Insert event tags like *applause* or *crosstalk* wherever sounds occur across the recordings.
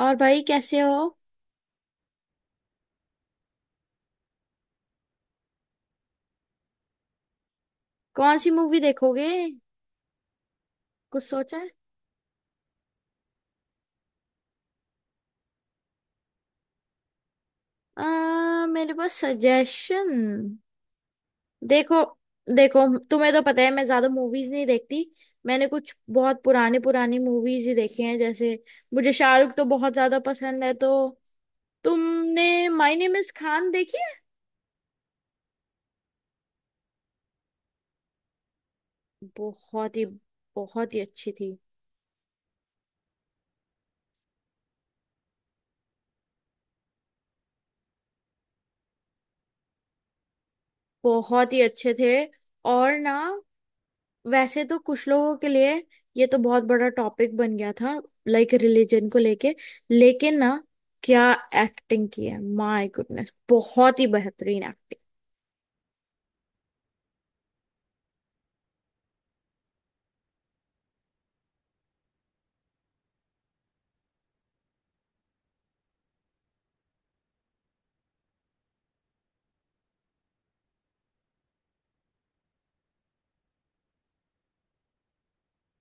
और भाई कैसे हो। कौन सी मूवी देखोगे। कुछ सोचा है। मेरे पास सजेशन। देखो देखो, तुम्हें तो पता है मैं ज्यादा मूवीज नहीं देखती। मैंने कुछ बहुत पुराने पुरानी मूवीज ही देखी हैं। जैसे मुझे शाहरुख तो बहुत ज्यादा पसंद है, तो तुमने माय नेम इज खान देखी है। बहुत ही अच्छी थी। बहुत ही अच्छे थे। और ना, वैसे तो कुछ लोगों के लिए ये तो बहुत बड़ा टॉपिक बन गया था, लाइक रिलीजन को लेके। लेकिन ना, क्या एक्टिंग की है। माय गुडनेस, बहुत ही बेहतरीन एक्टिंग।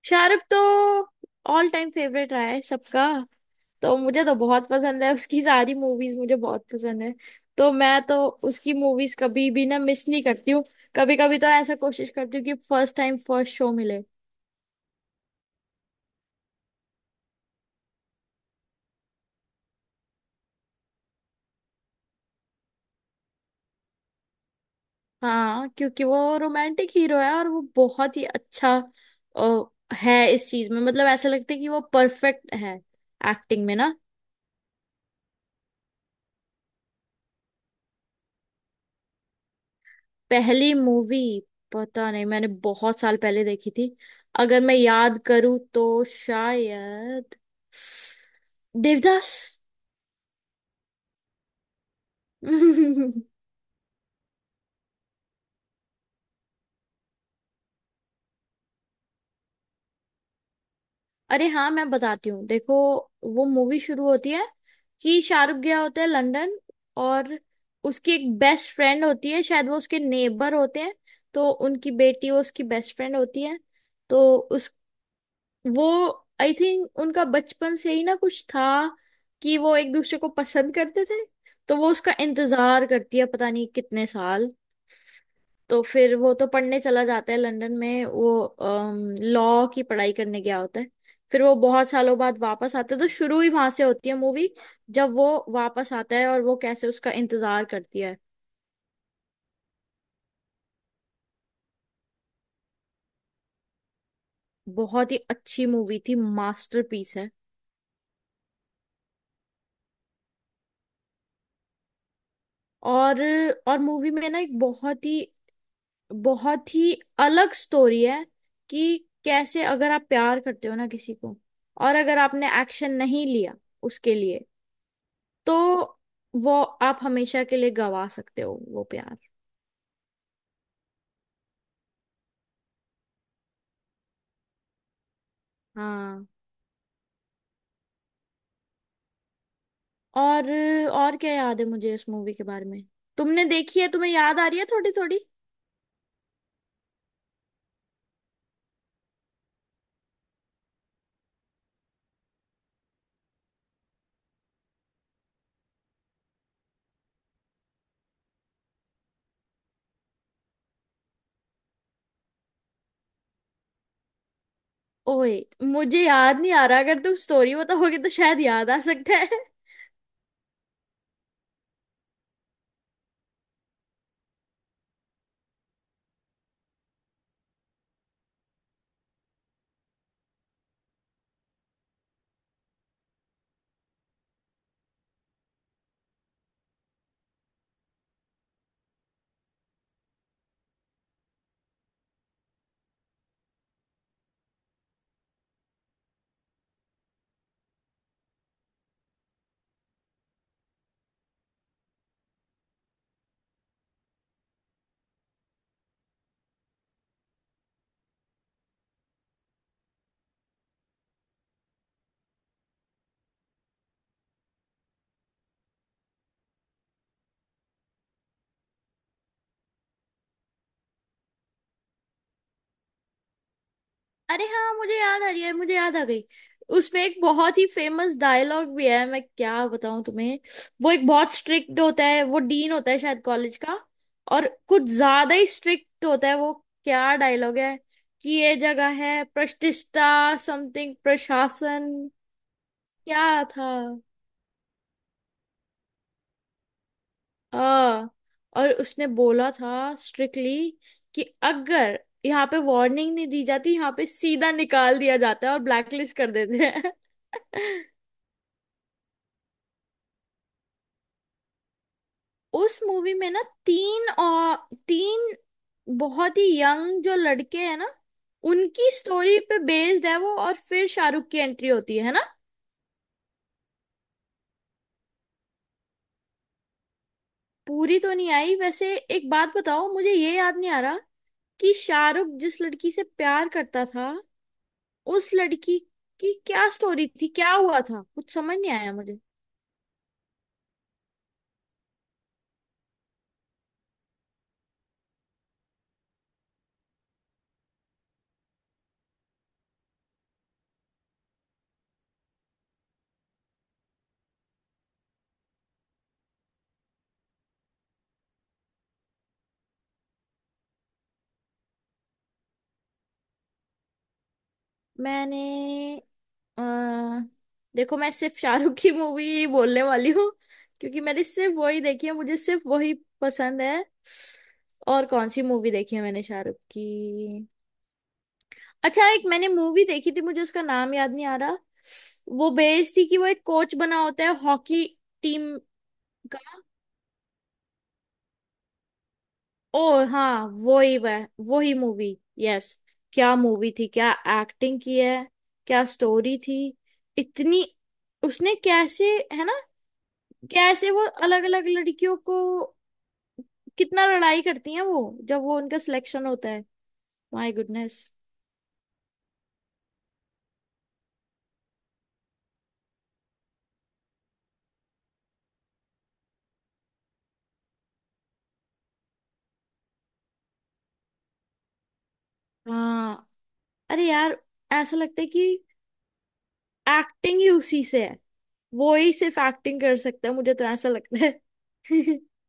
शाहरुख तो ऑल टाइम फेवरेट रहा है सबका। तो मुझे तो बहुत पसंद है, उसकी सारी मूवीज मुझे बहुत पसंद है। तो मैं तो उसकी मूवीज कभी भी ना मिस नहीं करती हूँ। कभी कभी तो ऐसा कोशिश करती हूँ कि फर्स्ट टाइम फर्स्ट शो मिले। हाँ, क्योंकि वो रोमांटिक हीरो है, और वो बहुत ही अच्छा अ, है इस चीज में। मतलब ऐसा लगता है कि वो परफेक्ट है एक्टिंग में ना। पहली मूवी, पता नहीं मैंने बहुत साल पहले देखी थी। अगर मैं याद करूँ तो शायद देवदास। *laughs* अरे हाँ, मैं बताती हूँ। देखो, वो मूवी शुरू होती है कि शाहरुख गया होता है लंदन। और उसकी एक बेस्ट फ्रेंड होती है, शायद वो उसके नेबर होते हैं, तो उनकी बेटी वो उसकी बेस्ट फ्रेंड होती है। तो उस वो आई थिंक उनका बचपन से ही ना कुछ था, कि वो एक दूसरे को पसंद करते थे। तो वो उसका इंतजार करती है, पता नहीं कितने साल। तो फिर वो तो पढ़ने चला जाता है लंदन में, वो लॉ की पढ़ाई करने गया होता है। फिर वो बहुत सालों बाद वापस आता है, तो शुरू ही वहां से होती है मूवी, जब वो वापस आता है और वो कैसे उसका इंतजार करती है। बहुत ही अच्छी मूवी थी, मास्टरपीस है। और और मूवी में ना एक बहुत ही अलग स्टोरी है, कि कैसे अगर आप प्यार करते हो ना किसी को, और अगर आपने एक्शन नहीं लिया उसके लिए, तो वो आप हमेशा के लिए गवा सकते हो वो प्यार। हाँ। और और क्या याद है मुझे इस मूवी के बारे में। तुमने देखी है, तुम्हें याद आ रही है थोड़ी थोड़ी। ओए, मुझे याद नहीं आ रहा। अगर तुम स्टोरी बताओगे तो शायद याद आ सकता है। अरे हाँ, मुझे याद आ रही है, मुझे याद आ गई। उसमें एक बहुत ही फेमस डायलॉग भी है, मैं क्या बताऊं तुम्हें। वो एक बहुत स्ट्रिक्ट होता है, वो डीन होता है शायद कॉलेज का। और कुछ ज्यादा ही स्ट्रिक्ट होता है वो। क्या डायलॉग है कि ये जगह है प्रतिष्ठा, समथिंग प्रशासन। क्या था आ, और उसने बोला था स्ट्रिक्टली कि अगर यहाँ पे वार्निंग नहीं दी जाती, यहाँ पे सीधा निकाल दिया जाता है और ब्लैकलिस्ट कर देते हैं। *laughs* उस मूवी में ना तीन और तीन बहुत ही यंग जो लड़के हैं ना, उनकी स्टोरी पे बेस्ड है वो, और फिर शाहरुख की एंट्री होती है ना। पूरी तो नहीं आई। वैसे एक बात बताओ, मुझे ये याद नहीं आ रहा कि शाहरुख जिस लड़की से प्यार करता था, उस लड़की की क्या स्टोरी थी, क्या हुआ था, कुछ समझ नहीं आया मुझे। मैंने अ, देखो, मैं सिर्फ शाहरुख की मूवी बोलने वाली हूँ, क्योंकि मैंने सिर्फ वही देखी है, मुझे सिर्फ वही पसंद है। और कौन सी मूवी देखी है मैंने शाहरुख की। अच्छा, एक मैंने मूवी देखी थी, मुझे उसका नाम याद नहीं आ रहा। वो बेस्ड थी कि वो एक कोच बना होता है हॉकी टीम। ओ हाँ, वो ही मूवी। यस, क्या मूवी थी, क्या एक्टिंग की है, क्या स्टोरी थी, इतनी। उसने कैसे, है ना, कैसे वो अलग अलग लड़कियों को कितना लड़ाई करती हैं वो जब वो उनका सिलेक्शन होता है। My goodness. हाँ, अरे यार, ऐसा लगता है कि एक्टिंग ही उसी से है, वो ही सिर्फ एक्टिंग कर सकता है, मुझे तो ऐसा लगता है। *laughs*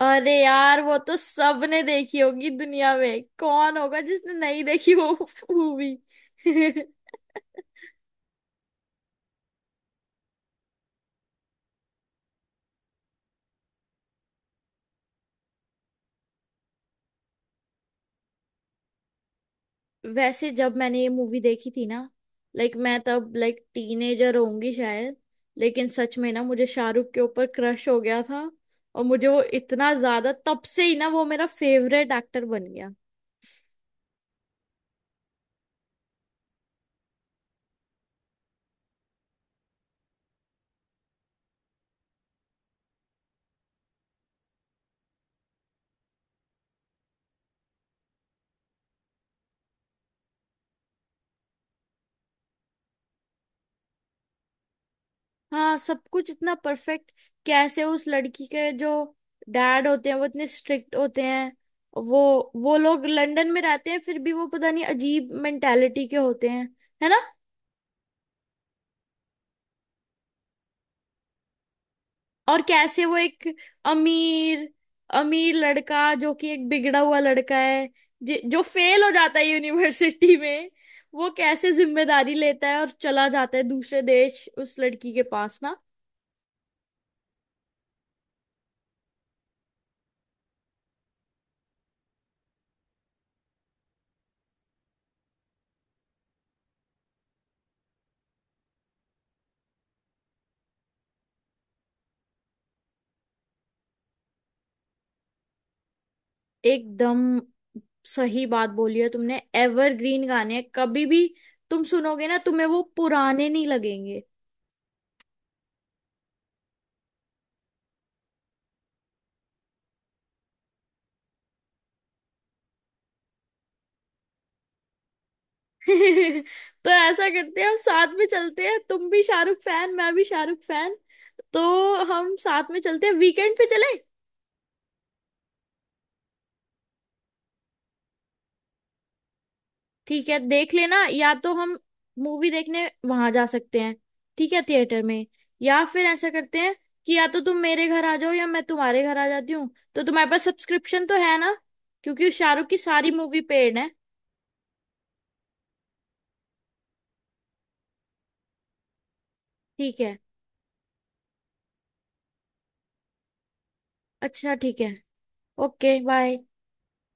अरे यार, वो तो सबने देखी होगी, दुनिया में कौन होगा जिसने नहीं देखी वो मूवी। *laughs* वैसे जब मैंने ये मूवी देखी थी ना, लाइक मैं तब लाइक टीनेजर होंगी शायद, लेकिन सच में ना मुझे शाहरुख के ऊपर क्रश हो गया था। और मुझे वो इतना ज्यादा तब से ही ना वो मेरा फेवरेट एक्टर बन गया। हाँ, सब कुछ इतना परफेक्ट। कैसे उस लड़की के जो डैड होते हैं वो इतने स्ट्रिक्ट होते हैं, वो वो लोग लंदन में रहते हैं फिर भी वो पता नहीं अजीब मेंटालिटी के होते हैं, है ना। और कैसे वो एक अमीर, अमीर लड़का जो कि एक बिगड़ा हुआ लड़का है, जो फेल हो जाता है यूनिवर्सिटी *laughs* में, वो कैसे जिम्मेदारी लेता है और चला जाता है दूसरे देश उस लड़की के पास ना। एकदम सही बात बोली है तुमने, एवरग्रीन गाने हैं। कभी भी तुम सुनोगे ना, तुम्हें वो पुराने नहीं लगेंगे। *laughs* तो ऐसा करते हैं, हम साथ में चलते हैं, तुम भी शाहरुख फैन, मैं भी शाहरुख फैन, तो हम साथ में चलते हैं वीकेंड पे चले। ठीक है, देख लेना, या तो हम मूवी देखने वहां जा सकते हैं, ठीक है, थिएटर में, या फिर ऐसा करते हैं कि या तो तुम मेरे घर आ जाओ या मैं तुम्हारे घर आ जाती हूँ। तो तुम्हारे पास सब्सक्रिप्शन तो है ना, क्योंकि शाहरुख की सारी मूवी पेड है। ठीक है। अच्छा ठीक है, ओके बाय।